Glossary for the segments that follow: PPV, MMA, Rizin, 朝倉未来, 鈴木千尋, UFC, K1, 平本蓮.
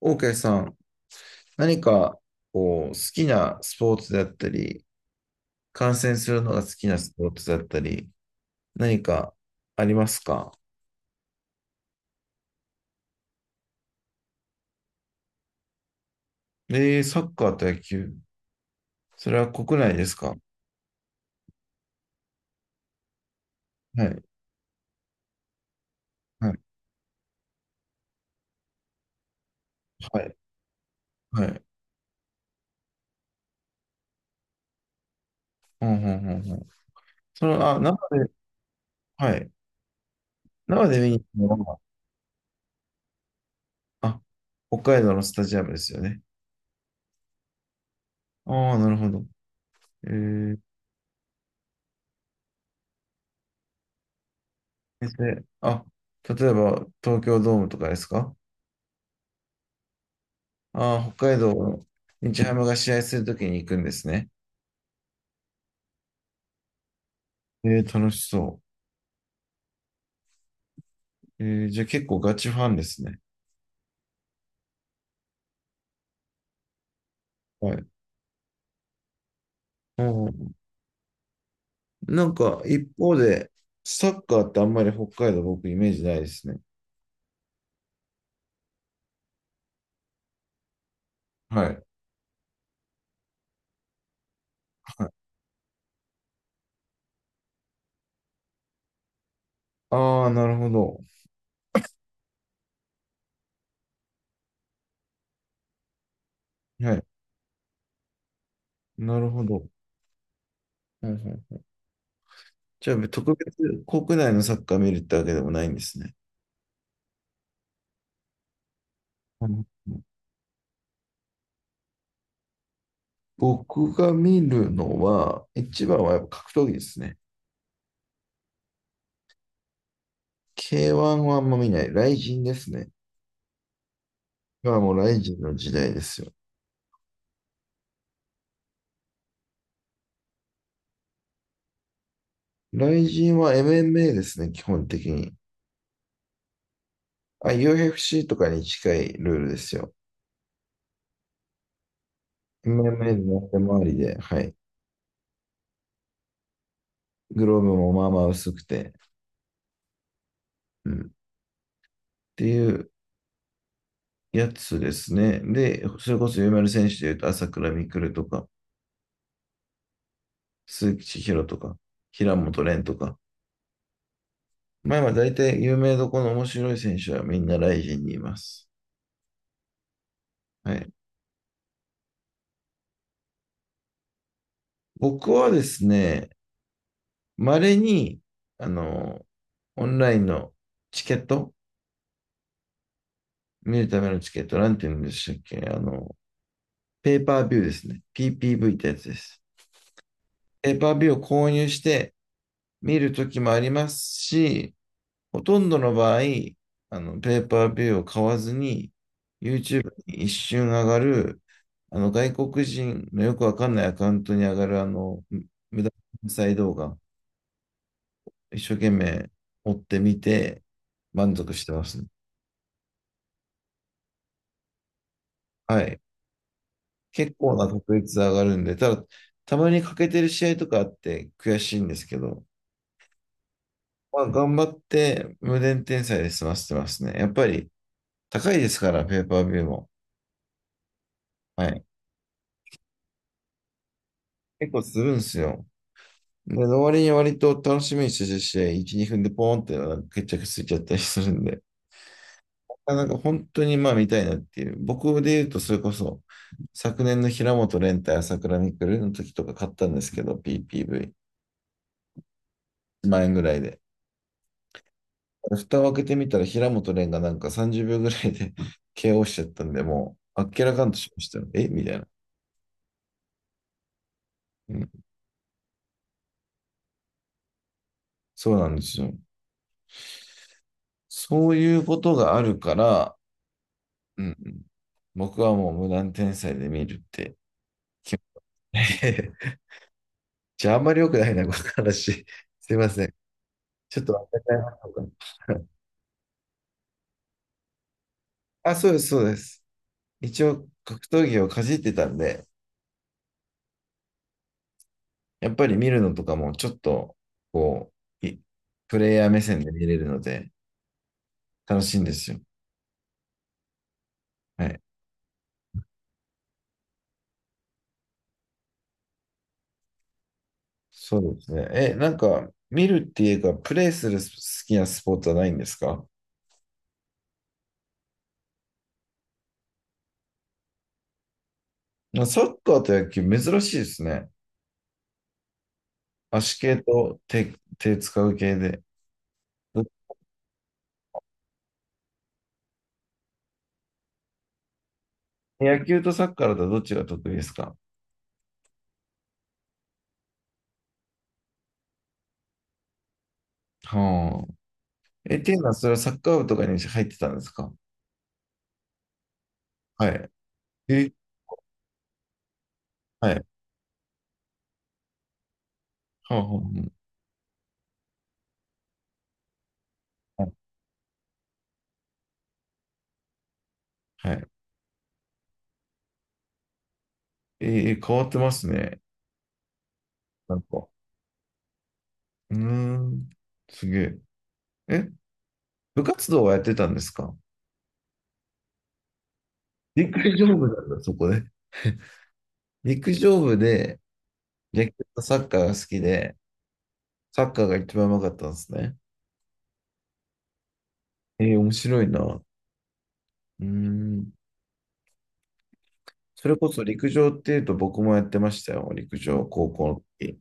OK さん、何かこう好きなスポーツだったり、観戦するのが好きなスポーツだったり、何かありますか？えサッカーと野球。それは国内ですか？はい、はい、はい、はい。うんうんうんうん。生で、はい。生で見に行くのは、あ、北海道のスタジアムですよね。ああ、なるほど。えー、であ、例えば東京ドームとかですか？ああ、北海道の日ハムが試合するときに行くんですね。楽しそう。じゃあ結構ガチファンですね。はい。うん。なんか一方で、サッカーってあんまり北海道僕イメージないですね。はい。はい、ああ、なるほど。はい。なるほど。はいはい。じゃあ特別国内のサッカー見るってわけでもないんですね。うん。僕が見るのは、一番はやっぱ格闘技ですね。K1 はあんま見ない。ライジンですね。がもうライジンの時代ですよ。ライジンは MMA ですね、基本的に。あ、UFC とかに近いルールですよ。MMA の手回りで、はい。グローブもまあまあ薄くて、うん。っていうやつですね。で、それこそ有名な選手でいうと、朝倉未来とか、鈴木千尋とか、平本蓮とか。まあ今大体有名どこの面白い選手はみんなライジンにいます。はい。僕はですね、稀に、あの、オンラインのチケット、見るためのチケット、なんて言うんでしたっけ、あの、ペーパービューですね。PPV ってやつです。ペーパービューを購入して見るときもありますし、ほとんどの場合、ペーパービューを買わずに、YouTube に一瞬上がる、外国人のよくわかんないアカウントに上がる、無駄な再動画、一生懸命追ってみて、満足してます、ね。はい。結構な確率で上がるんで、ただ、たまに欠けてる試合とかあって悔しいんですけど、まあ、頑張って無限転載で済ませてますね。やっぱり高いですから、ペーパービューも。はい。結構するんですよ。で、わ割に割と楽しみにしてた試合、1、2分でポーンってなんか決着ついちゃったりするんで、なんか本当にまあ見たいなっていう。僕で言うと、それこそ、昨年の平本蓮対朝倉未来の時とか買ったんですけど、PPV。1万円ぐらいで。蓋を開けてみたら平本蓮がなんか30秒ぐらいで KO しちゃったんで、もう、あっけらかんとしましたよ。えみたいな、うん。そうなんですよ。そういうことがあるから、うん、僕はもう無断天才で見るって決て。じゃあ、あんまり良くないな、この話。すいません。ちょっと忘れちゃいましたか。あ、そうです、そうです。一応、格闘技をかじってたんで、やっぱり見るのとかもちょっと、こう、プレイヤー目線で見れるので、楽しいんですよ。はい。そうですね。え、なんか、見るっていうか、プレイする好きなスポーツはないんですか？なサッカーと野球、珍しいですね。足系と手、手使う系で。ど野球とサッカーだとどっちが得意ですか？はあ。え、っていうのは、それはサッカー部とかに入ってたんですか？はい。え、はい。はあ、はあ、はあはい。はい。えー変わってますね。なんか。うーん。すげえ。え、部活動はやってたんですか？陸上部なんだ、そこで。陸上部で野球とサッカーが好きで、サッカーが一番うまかったんですね。えー面白いな。うーん。それこそ陸上っていうと僕もやってましたよ。陸上、高校の時。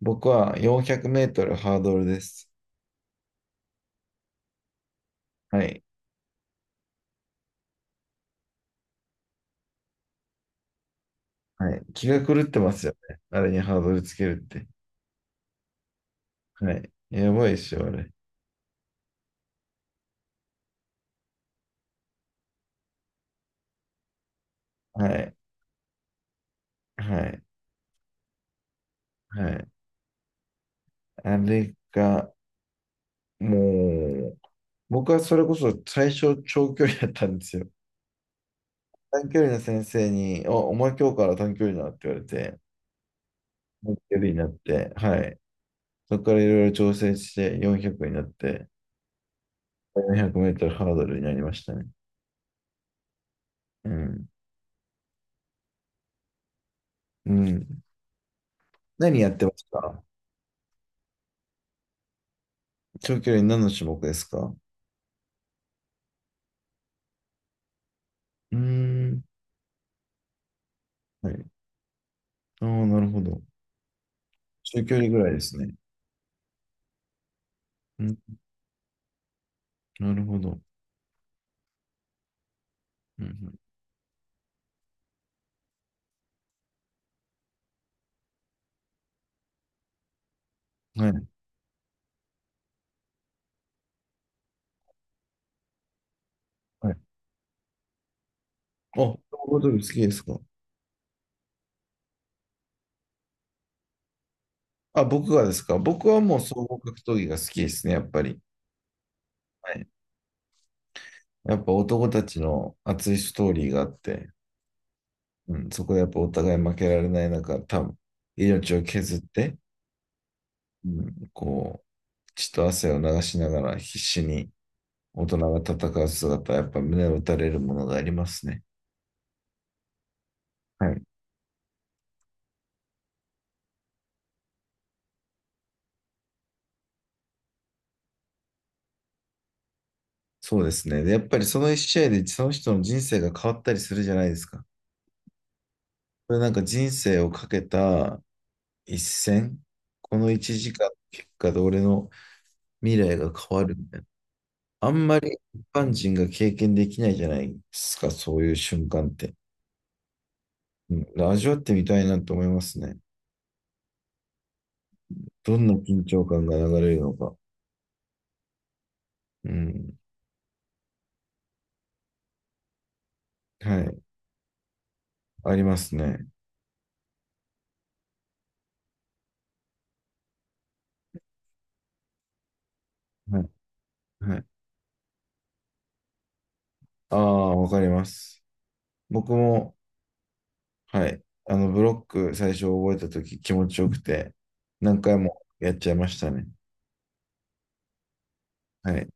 僕は400メートルハードルです。はい。はい。気が狂ってますよね。あれにハードルつけるって。はい。やばいっしょ、あれ。はい。はい。はい。あれが、もう、僕はそれこそ最初長距離だったんですよ。短距離の先生に、お前今日から短距離だって言われて、短距離になって、はい。そこからいろいろ調整して400になって、400メートルハードルになりましたね。うん。うん。何やってました？長距離何の種目ですか？うーん。はい。ああ、なるほど。中距離ぐらいですね。うん。なるほど。うん。うんはい。はい。あ、総合格闘技好きですか？あ、僕がですか？僕はもう総合格闘技が好きですね、やっぱり。はい。やっぱ男たちの熱いストーリーがあって、うん、そこでやっぱお互い負けられない中、多分命を削って、うん、こう、血と汗を流しながら必死に大人が戦う姿、やっぱ胸を打たれるものがありますね。はい。そうですね。で、やっぱりその一試合でその人の人生が変わったりするじゃないですか。これなんか人生をかけた一戦、この一時間の結果で俺の未来が変わるみたいな。あんまり一般人が経験できないじゃないですか、そういう瞬間って。うん、味わってみたいなと思いますね。どんな緊張感が流れるのか。うん。はい。ありますね。はい。はい。ああ、わかります。僕も、はい。ブロック最初覚えたとき気持ちよくて、何回もやっちゃいましたね。はい。